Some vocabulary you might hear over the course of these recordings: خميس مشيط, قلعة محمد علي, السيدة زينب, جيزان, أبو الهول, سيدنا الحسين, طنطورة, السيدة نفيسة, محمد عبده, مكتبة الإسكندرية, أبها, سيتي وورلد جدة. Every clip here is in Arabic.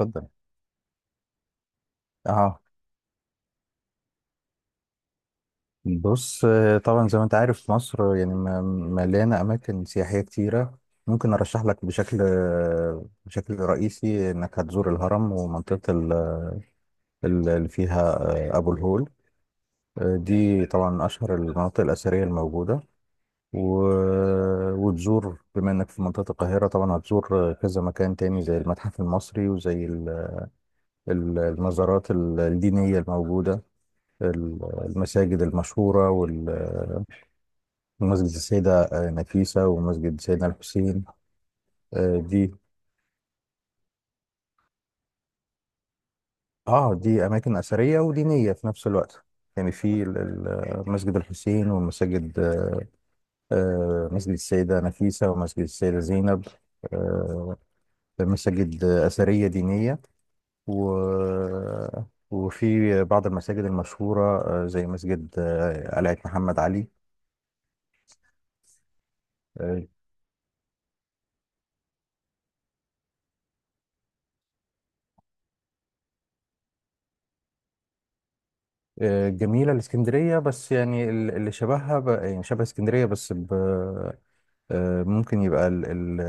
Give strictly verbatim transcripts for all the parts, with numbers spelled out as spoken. اتفضل. اه، بص. آه، طبعا زي ما انت عارف مصر يعني م- مليانه اماكن سياحيه كتيره. ممكن ارشح لك بشكل آه، بشكل رئيسي انك هتزور الهرم ومنطقه ال- ال- اللي فيها آه، ابو الهول. آه، دي طبعا من اشهر المناطق الاثريه الموجوده. و- وتزور بما انك في منطقه القاهره طبعا هتزور آه، كذا مكان تاني زي المتحف المصري وزي ال- ال- المزارات ال- الدينيه الموجوده، ال- المساجد المشهوره، مسجد السيدة آه، نفيسة ومسجد سيدنا الحسين. آه، دي اه، دي أماكن أثرية ودينية في نفس الوقت. يعني في ال- ال- آه، مسجد الحسين ومساجد آه، مسجد السيدة نفيسة ومسجد السيدة زينب. آه، مساجد أثرية دينية، و وفي بعض المساجد المشهورة آه، زي مسجد آه، قلعة محمد علي. آه، آه، جميلة الإسكندرية بس يعني ال- اللي شبهها ب- يعني شبه اسكندرية بس. آه، ممكن يبقى ال ال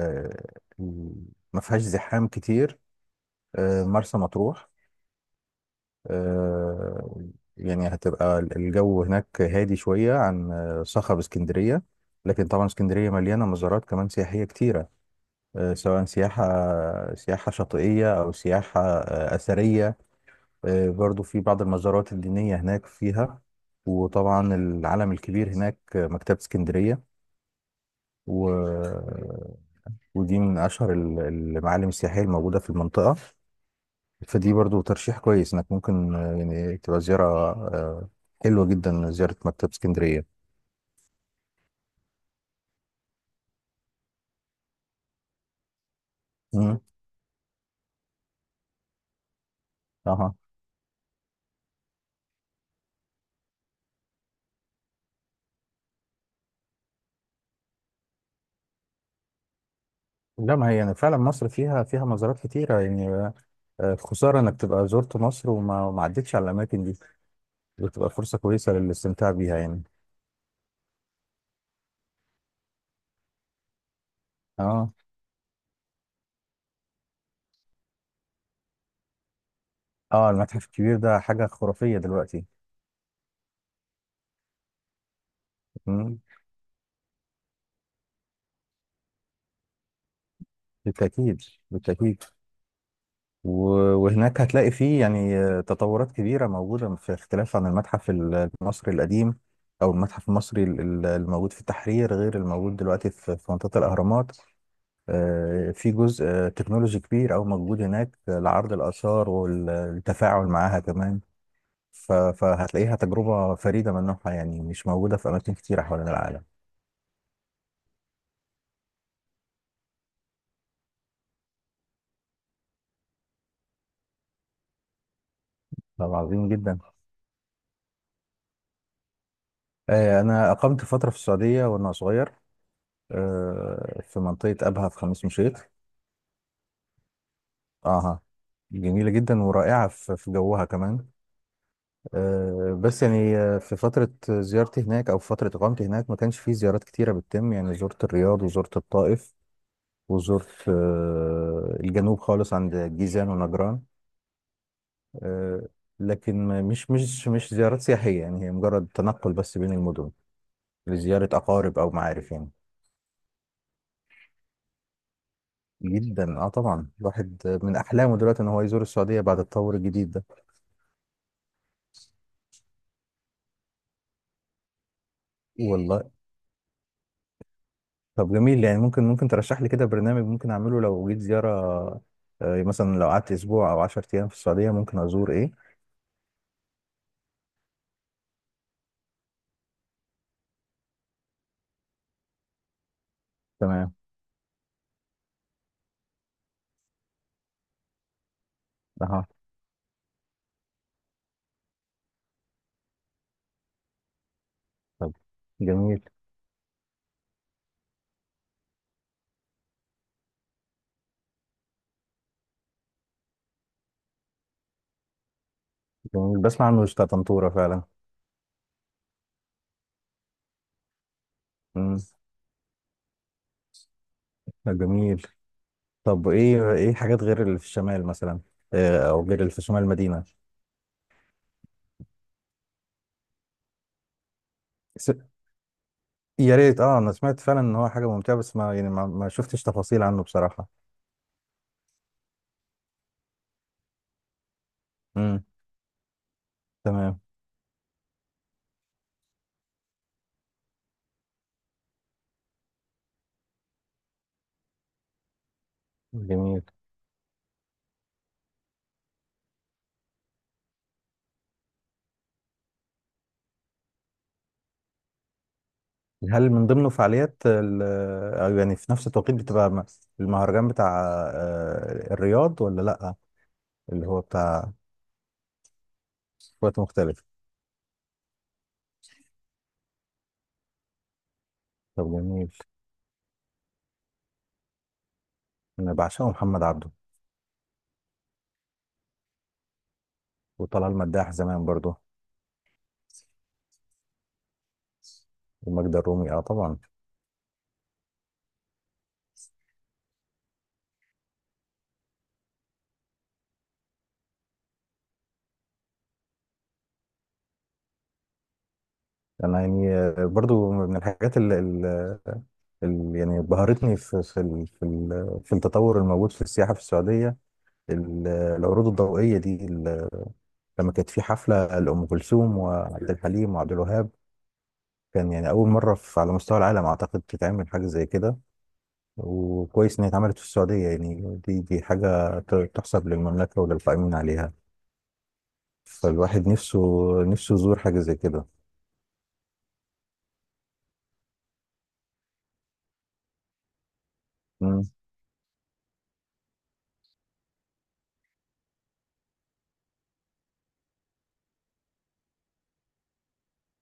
ال- ما فيهاش زحام كتير. آه، مرسى مطروح. آه، يعني هتبقى ال- الجو هناك هادي شوية عن آه، صخب اسكندرية. لكن طبعا اسكندرية مليانة مزارات كمان سياحية كتيرة، آه، سواء سياحة سياحة شاطئية أو سياحة آه، أثرية. آه، برضو في بعض المزارات الدينية هناك فيها، وطبعا العلم الكبير هناك آه، مكتبة اسكندرية. ودي من اشهر ال- المعالم السياحيه الموجوده في المنطقه. فدي برضو ترشيح كويس انك ممكن آه، يعني تبقى زياره. آه، حلوه جدا زياره مكتبه اسكندريه. مم. اها. لا، ما هي يعني فعلا مصر فيها فيها مزارات كتيره يعني. آه، آه، خساره انك تبقى زرت مصر وما ما عدتش على الاماكن دي، بتبقى فرصه كويسه للاستمتاع بيها يعني. اه، اه، المتحف الكبير ده حاجه خرافيه دلوقتي. مم. بالتاكيد، بالتاكيد. و- وهناك هتلاقي فيه يعني تطورات كبيرة موجودة في اختلاف عن المتحف المصري القديم، أو المتحف المصري ال- ال- الموجود في التحرير غير الموجود دلوقتي في في منطقة الأهرامات. آه، في جزء آه، تكنولوجي كبير أو موجود هناك لعرض الآثار والتفاعل معاها كمان. ف- فهتلاقيها تجربة فريدة من نوعها يعني مش موجودة في أماكن كتيرة حوالين العالم. طب عظيم جدا. آه، أنا أقمت فترة في السعودية وأنا صغير، آه، في منطقة أبها في خميس مشيط. اها. جميلة جدا ورائعة في في جوها كمان. آه، بس يعني آه، في فترة زيارتي هناك أو في فترة إقامتي هناك ما كانش في زيارات كتيرة بتتم، يعني زرت الرياض وزرت الطائف وزرت آه، الجنوب خالص عند جيزان ونجران. آه، لكن ما- مش مش مش زيارات سياحية، يعني هي مجرد تنقل بس بين المدن لزيارة أقارب أو معارف يعني. جدا، اه، طبعا الواحد من أحلامه دلوقتي إن هو يزور السعودية بعد التطور الجديد ده. والله. طب جميل يعني. ممكن ممكن ترشح لي كده برنامج ممكن اعمله لو جيت زيارة، آه، يعني مثلا لو قعدت اسبوع او عشر أيام ايام في السعودية ممكن ازور ايه؟ تمام. اها. طب جميل. جميل، بسمع عنه بتاع طنطورة فعلا. امم. طب جميل. طب ايه ايه حاجات غير اللي في الشمال مثلا، آه، او غير اللي في شمال المدينة؟ س- يا ريت. اه، انا سمعت فعلا ان هو حاجة ممتعة بس ما يعني ما, ما شفتش تفاصيل عنه بصراحة. امم. تمام. جميل. هل من ضمن فعاليات ال- أو يعني في نفس التوقيت بتبقى م- المهرجان بتاع آه، الرياض، ولا لأ؟ اللي هو بتاع وقت مختلف. طب جميل. أنا بعشقه محمد عبده. وطلال مداح زمان برضه. وماجدة الرومي، اه، طبعا. أنا يعني آه، برضه من الحاجات اللي, اللي يعني بهرتني في في ال- في ال- في التطور الموجود في السياحة في السعودية، ال- العروض الضوئية دي. ال- لما كانت في حفلة لأم كلثوم وعبد الحليم وعبد الوهاب كان يعني أول مرة في على مستوى العالم أعتقد تتعمل حاجة زي كده. وكويس إن هي اتعملت في السعودية. يعني دي دي حاجة ت- تحسب للمملكة وللقائمين عليها. فالواحد نفسه نفسه يزور حاجة زي كده. مم.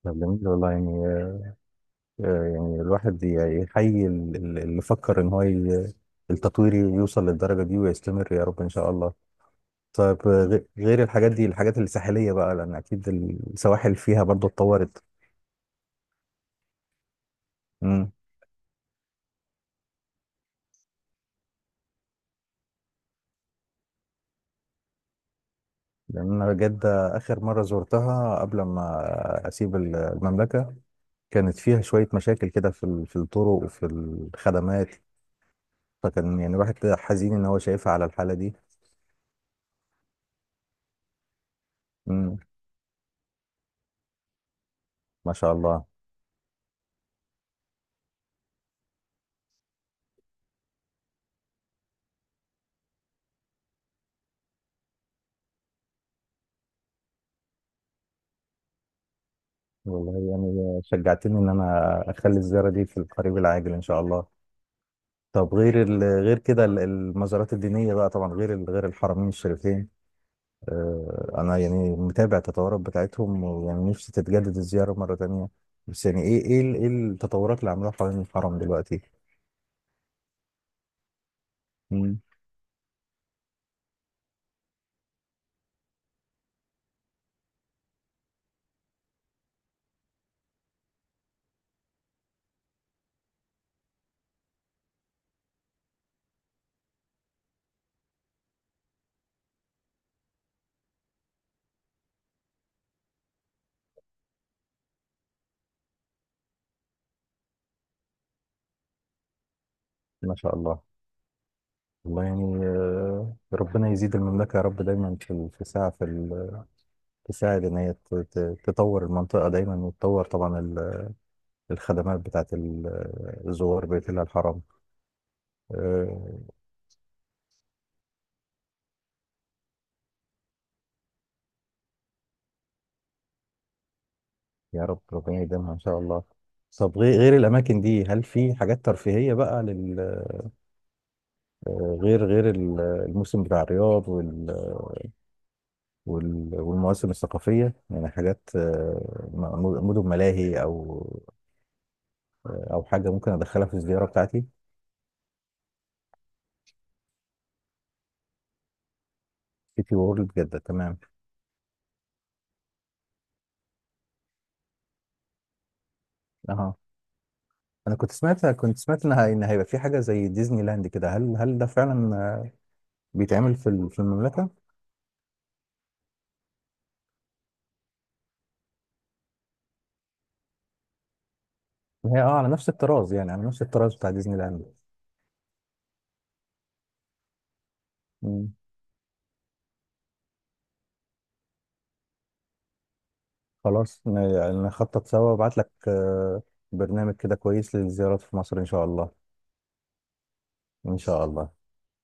طب جميل والله يعني. آه، يعني الواحد ي- يحيي ال- ال- اللي فكر إن هو ي- التطوير يوصل للدرجة دي ويستمر يا رب إن شاء الله. طيب، آه، غ- غير الحاجات دي، الحاجات الساحلية بقى، لأن أكيد السواحل فيها برضو اتطورت. مم. لأن أنا جدة آخر مرة زرتها قبل ما أسيب ال- المملكة كانت فيها شوية مشاكل كده في ال- في الطرق وفي الخدمات. فكان يعني الواحد كده حزين إن هو شايفها على الحالة دي. مم. ما شاء الله. والله يعني شجعتني إن أنا أخلي الزيارة دي في القريب العاجل إن شاء الله. طب غير ال- غير كده ال- المزارات الدينية بقى، طبعا غير ال- غير الحرمين الشريفين. آه، انا يعني متابع التطورات بتاعتهم، ويعني نفسي تتجدد الزياره مره تانية. بس يعني ايه ايه ال- ايه التطورات اللي عملوها حوالين الحرم دلوقتي؟ مم. ما شاء الله. والله يعني آه، ربنا يزيد المملكه يا رب دايما في ال- في ساعه في ال- تساعد ان هي ت- ت- تطور المنطقه دايما، وتطور طبعا ال- الخدمات بتاعت ال- الزوار بيت الله الحرام. آه، يا رب ربنا يديمها ان شاء الله. طب غير غير الاماكن دي هل في حاجات ترفيهيه بقى، غير غير ال- الموسم بتاع الرياض وال- وال- والمواسم الثقافية؟ يعني حاجات آه، م- مدن ملاهي أو أو حاجة ممكن أدخلها في الزيارة بتاعتي. سيتي وورلد جدة، تمام. أها. أنا كنت سمعت، كنت سمعت إن هي- إن هيبقى في حاجة زي ديزني لاند كده. هل هل ده فعلا آه، بيتعمل في ال- في المملكة؟ هي، أه، على نفس الطراز، يعني على نفس الطراز بتاع ديزني لاند. مم. خلاص. ن- يعني نخطط سوا وأبعت لك آه، برنامج كده كويس للزيارات في مصر إن شاء الله. إن شاء الله.